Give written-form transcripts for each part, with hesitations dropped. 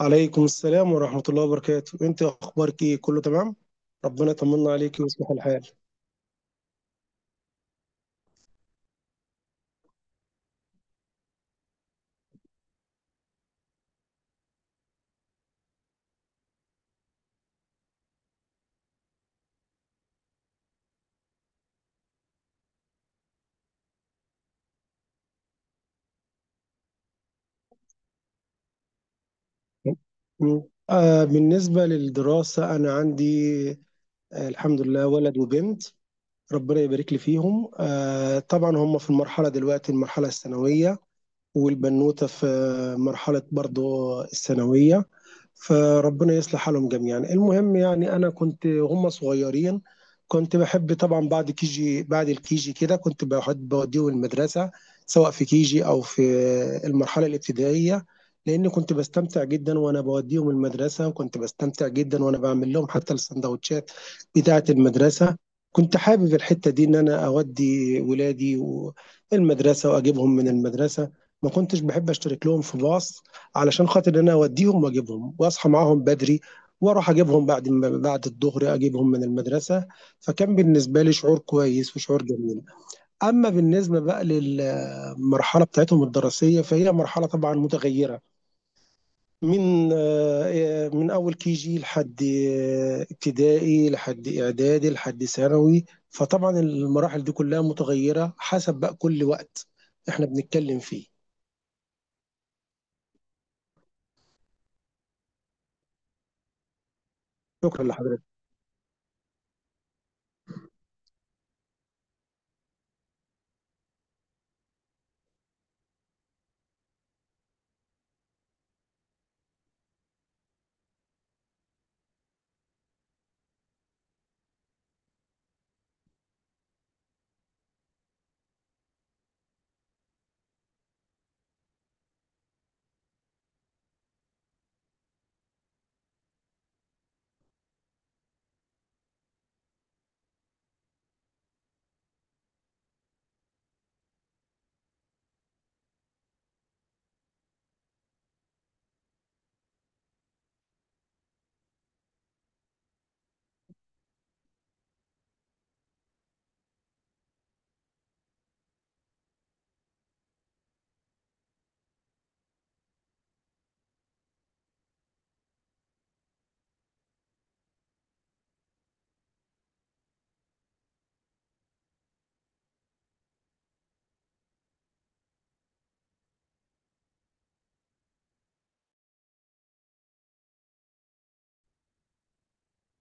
عليكم السلام ورحمة الله وبركاته، انت اخبارك ايه؟ كله تمام. ربنا يطمنا عليك ويصلح الحال. م. بالنسبة للدراسة انا عندي الحمد لله ولد وبنت، ربنا يبارك لي فيهم. طبعا هم في المرحلة دلوقتي المرحلة الثانوية، والبنوتة في مرحلة برضو الثانوية. فربنا يصلح حالهم جميعا. المهم، يعني أنا كنت هم صغيرين كنت بحب طبعا بعد الكيجي كده كنت بحب بوديهم المدرسة، سواء في كيجي أو في المرحلة الابتدائية، لأن كنت بستمتع جدا وأنا بوديهم المدرسة، وكنت بستمتع جدا وأنا بعمل لهم حتى السندوتشات بتاعة المدرسة. كنت حابب الحتة دي إن أنا أودي ولادي المدرسة وأجيبهم من المدرسة، ما كنتش بحب اشترك لهم في باص، علشان خاطر ان انا اوديهم واجيبهم واصحى معاهم بدري واروح اجيبهم بعد ما بعد الظهر اجيبهم من المدرسه. فكان بالنسبه لي شعور كويس وشعور جميل. اما بالنسبه بقى للمرحله بتاعتهم الدراسيه فهي مرحله طبعا متغيره، من من اول كي جي لحد ابتدائي لحد اعدادي لحد ثانوي، فطبعا المراحل دي كلها متغيره حسب بقى كل وقت احنا بنتكلم فيه. شكرا لحضرتك.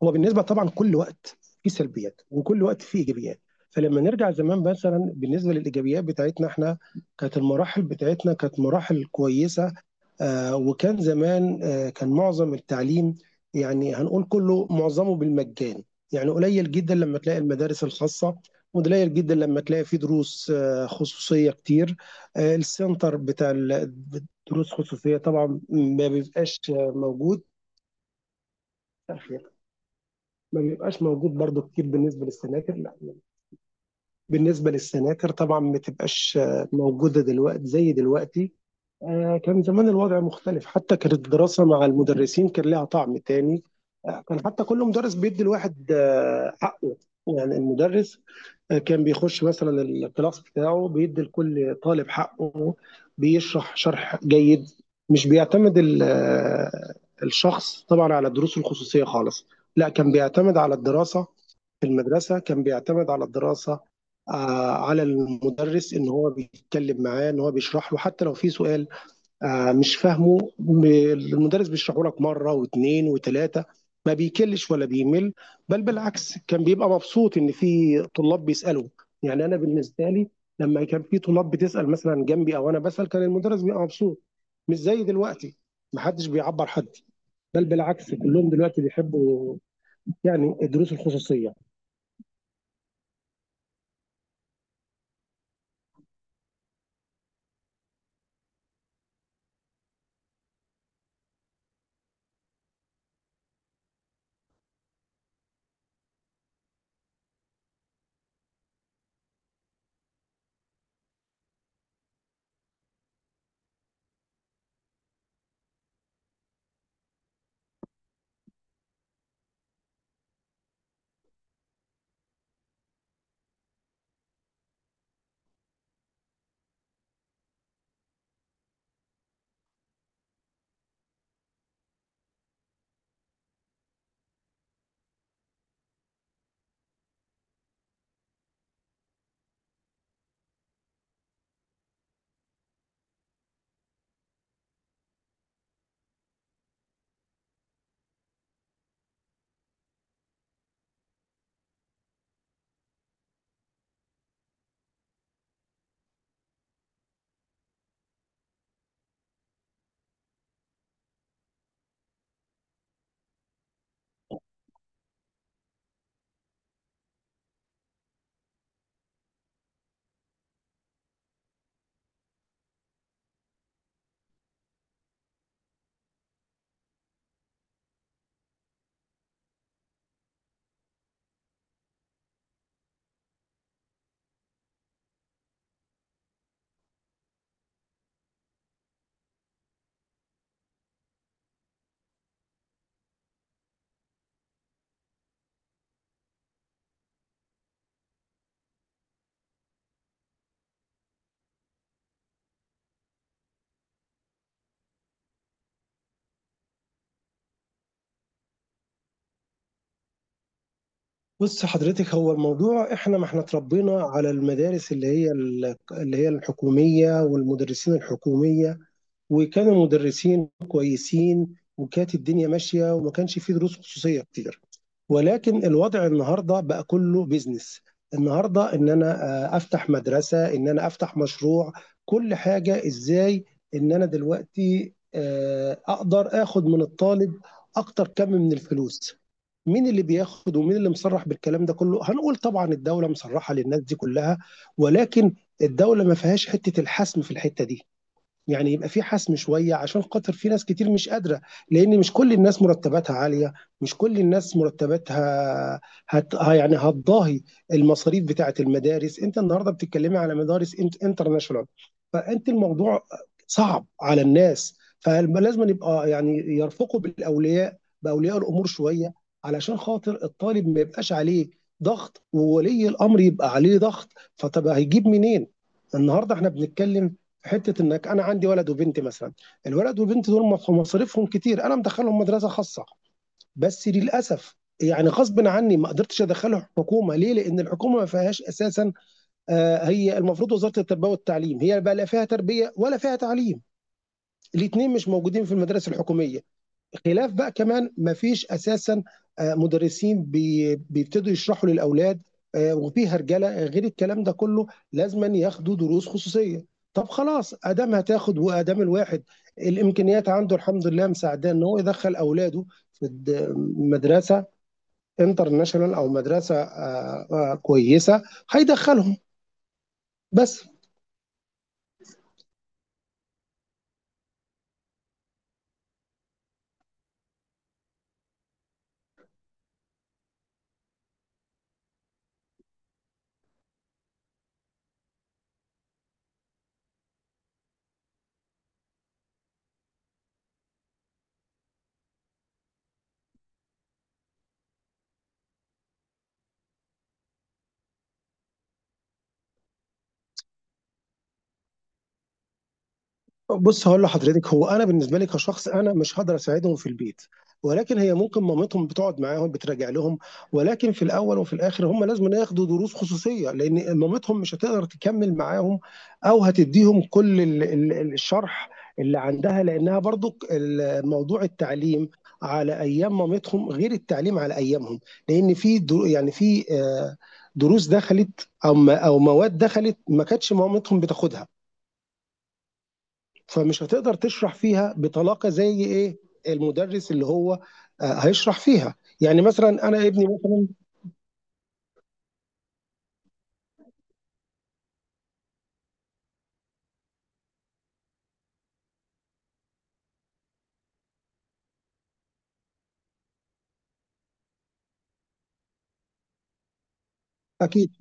هو بالنسبه طبعا كل وقت فيه سلبيات وكل وقت فيه ايجابيات، فلما نرجع زمان مثلا بالنسبه للايجابيات بتاعتنا احنا، كانت المراحل بتاعتنا كانت مراحل كويسه. وكان زمان كان معظم التعليم يعني هنقول كله معظمه بالمجان، يعني قليل جدا لما تلاقي المدارس الخاصه، وقليل جدا لما تلاقي في دروس خصوصيه كتير. آه، السنتر بتاع ال- دروس خصوصيه طبعا ما بيبقاش موجود، ما بيبقاش موجود برضو كتير. بالنسبة للسناتر، لا، بالنسبة للسناتر طبعا ما تبقاش موجودة دلوقتي زي دلوقتي. كان زمان الوضع مختلف، حتى كانت الدراسة مع المدرسين كان لها طعم تاني. كان حتى كل مدرس بيدي الواحد حقه. يعني المدرس كان بيخش مثلا الكلاس بتاعه بيدي لكل طالب حقه، بيشرح شرح جيد، مش بيعتمد ال- الشخص طبعا على الدروس الخصوصية خالص، لا كان بيعتمد على الدراسة في المدرسة، كان بيعتمد على الدراسة على المدرس، ان هو بيتكلم معاه ان هو بيشرح له حتى لو في سؤال مش فاهمه، المدرس بيشرحه لك مره واثنين وثلاثه، ما بيكلش ولا بيمل. بل بالعكس كان بيبقى مبسوط ان في طلاب بيسالوا. يعني انا بالنسبه لي، لما كان في طلاب بتسال مثلا جنبي او انا بسال كان المدرس بيبقى مبسوط، مش زي دلوقتي ما حدش بيعبر حد. بل بالعكس كلهم دلوقتي بيحبوا يعني الدروس الخصوصيه. بص حضرتك، هو الموضوع احنا ما احنا اتربينا على المدارس اللي هي الحكوميه والمدرسين الحكوميه، وكان المدرسين كويسين وكانت الدنيا ماشيه وما كانش في دروس خصوصيه كتير. ولكن الوضع النهارده بقى كله بيزنس. النهارده ان انا افتح مدرسه، ان انا افتح مشروع، كل حاجه ازاي ان انا دلوقتي اقدر اخد من الطالب اكتر كم من الفلوس. مين اللي بياخد ومين اللي مصرح بالكلام ده كله؟ هنقول طبعا الدوله مصرحه للناس دي كلها، ولكن الدوله ما فيهاش حته الحسم في الحته دي. يعني يبقى في حسم شويه عشان خاطر في ناس كتير مش قادره، لان مش كل الناس مرتباتها عاليه، مش كل الناس مرتباتها يعني هتضاهي المصاريف بتاعه المدارس. انت النهارده بتتكلمي على مدارس انترناشونال، فانت الموضوع صعب على الناس. فلازم يبقى يعني يرفقوا بالاولياء، باولياء الامور شويه، علشان خاطر الطالب ما يبقاش عليه ضغط وولي الامر يبقى عليه ضغط. فطب هيجيب منين؟ النهارده احنا بنتكلم حته انك، انا عندي ولد وبنت مثلا، الولد والبنت دول مصاريفهم كتير، انا مدخلهم مدرسه خاصه، بس للاسف يعني غصب عني ما قدرتش ادخله حكومه. ليه؟ لان الحكومه ما فيهاش اساسا. هي المفروض وزاره التربيه والتعليم هي بقى لا فيها تربيه ولا فيها تعليم، الاثنين مش موجودين في المدارس الحكوميه. خلاف بقى كمان ما فيش اساسا مدرسين بيبتدوا يشرحوا للاولاد، وفي هرجله غير الكلام ده كله. لازما ياخدوا دروس خصوصيه. طب خلاص، ادام هتاخد وادام الواحد الامكانيات عنده الحمد لله مساعداه ان هو يدخل اولاده في مدرسه انترناشونال او مدرسه كويسه، هيدخلهم بس. بُص هاقول لحضرتك، هو أنا بالنسبة لي كشخص أنا مش هاقدر أساعدهم في البيت، ولكن هي ممكن مامتهم بتقعد معاهم بتراجع لهم، ولكن في الأول وفي الآخر هم لازمًا ياخدوا دروس خصوصية، لإن مامتهم مش هتقدر تكمّل معاهم أو هتدّيهم كل ال ال ال الشرح اللي عندها، لإنها برضُك ال موضوع التعليم على أيام مامتهم غير التعليم على أيامهم، لإن في دروس دخلِت أو مواد دخلِت ما كانتش مامتهم بتاخدها. فمش هتقدر تشرح فيها بطلاقه زي ايه المدرس اللي هو هيشرح فيها. يعني مثلا انا ابني مثلا، اكيد.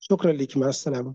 شكرا ليك، مع السلامه.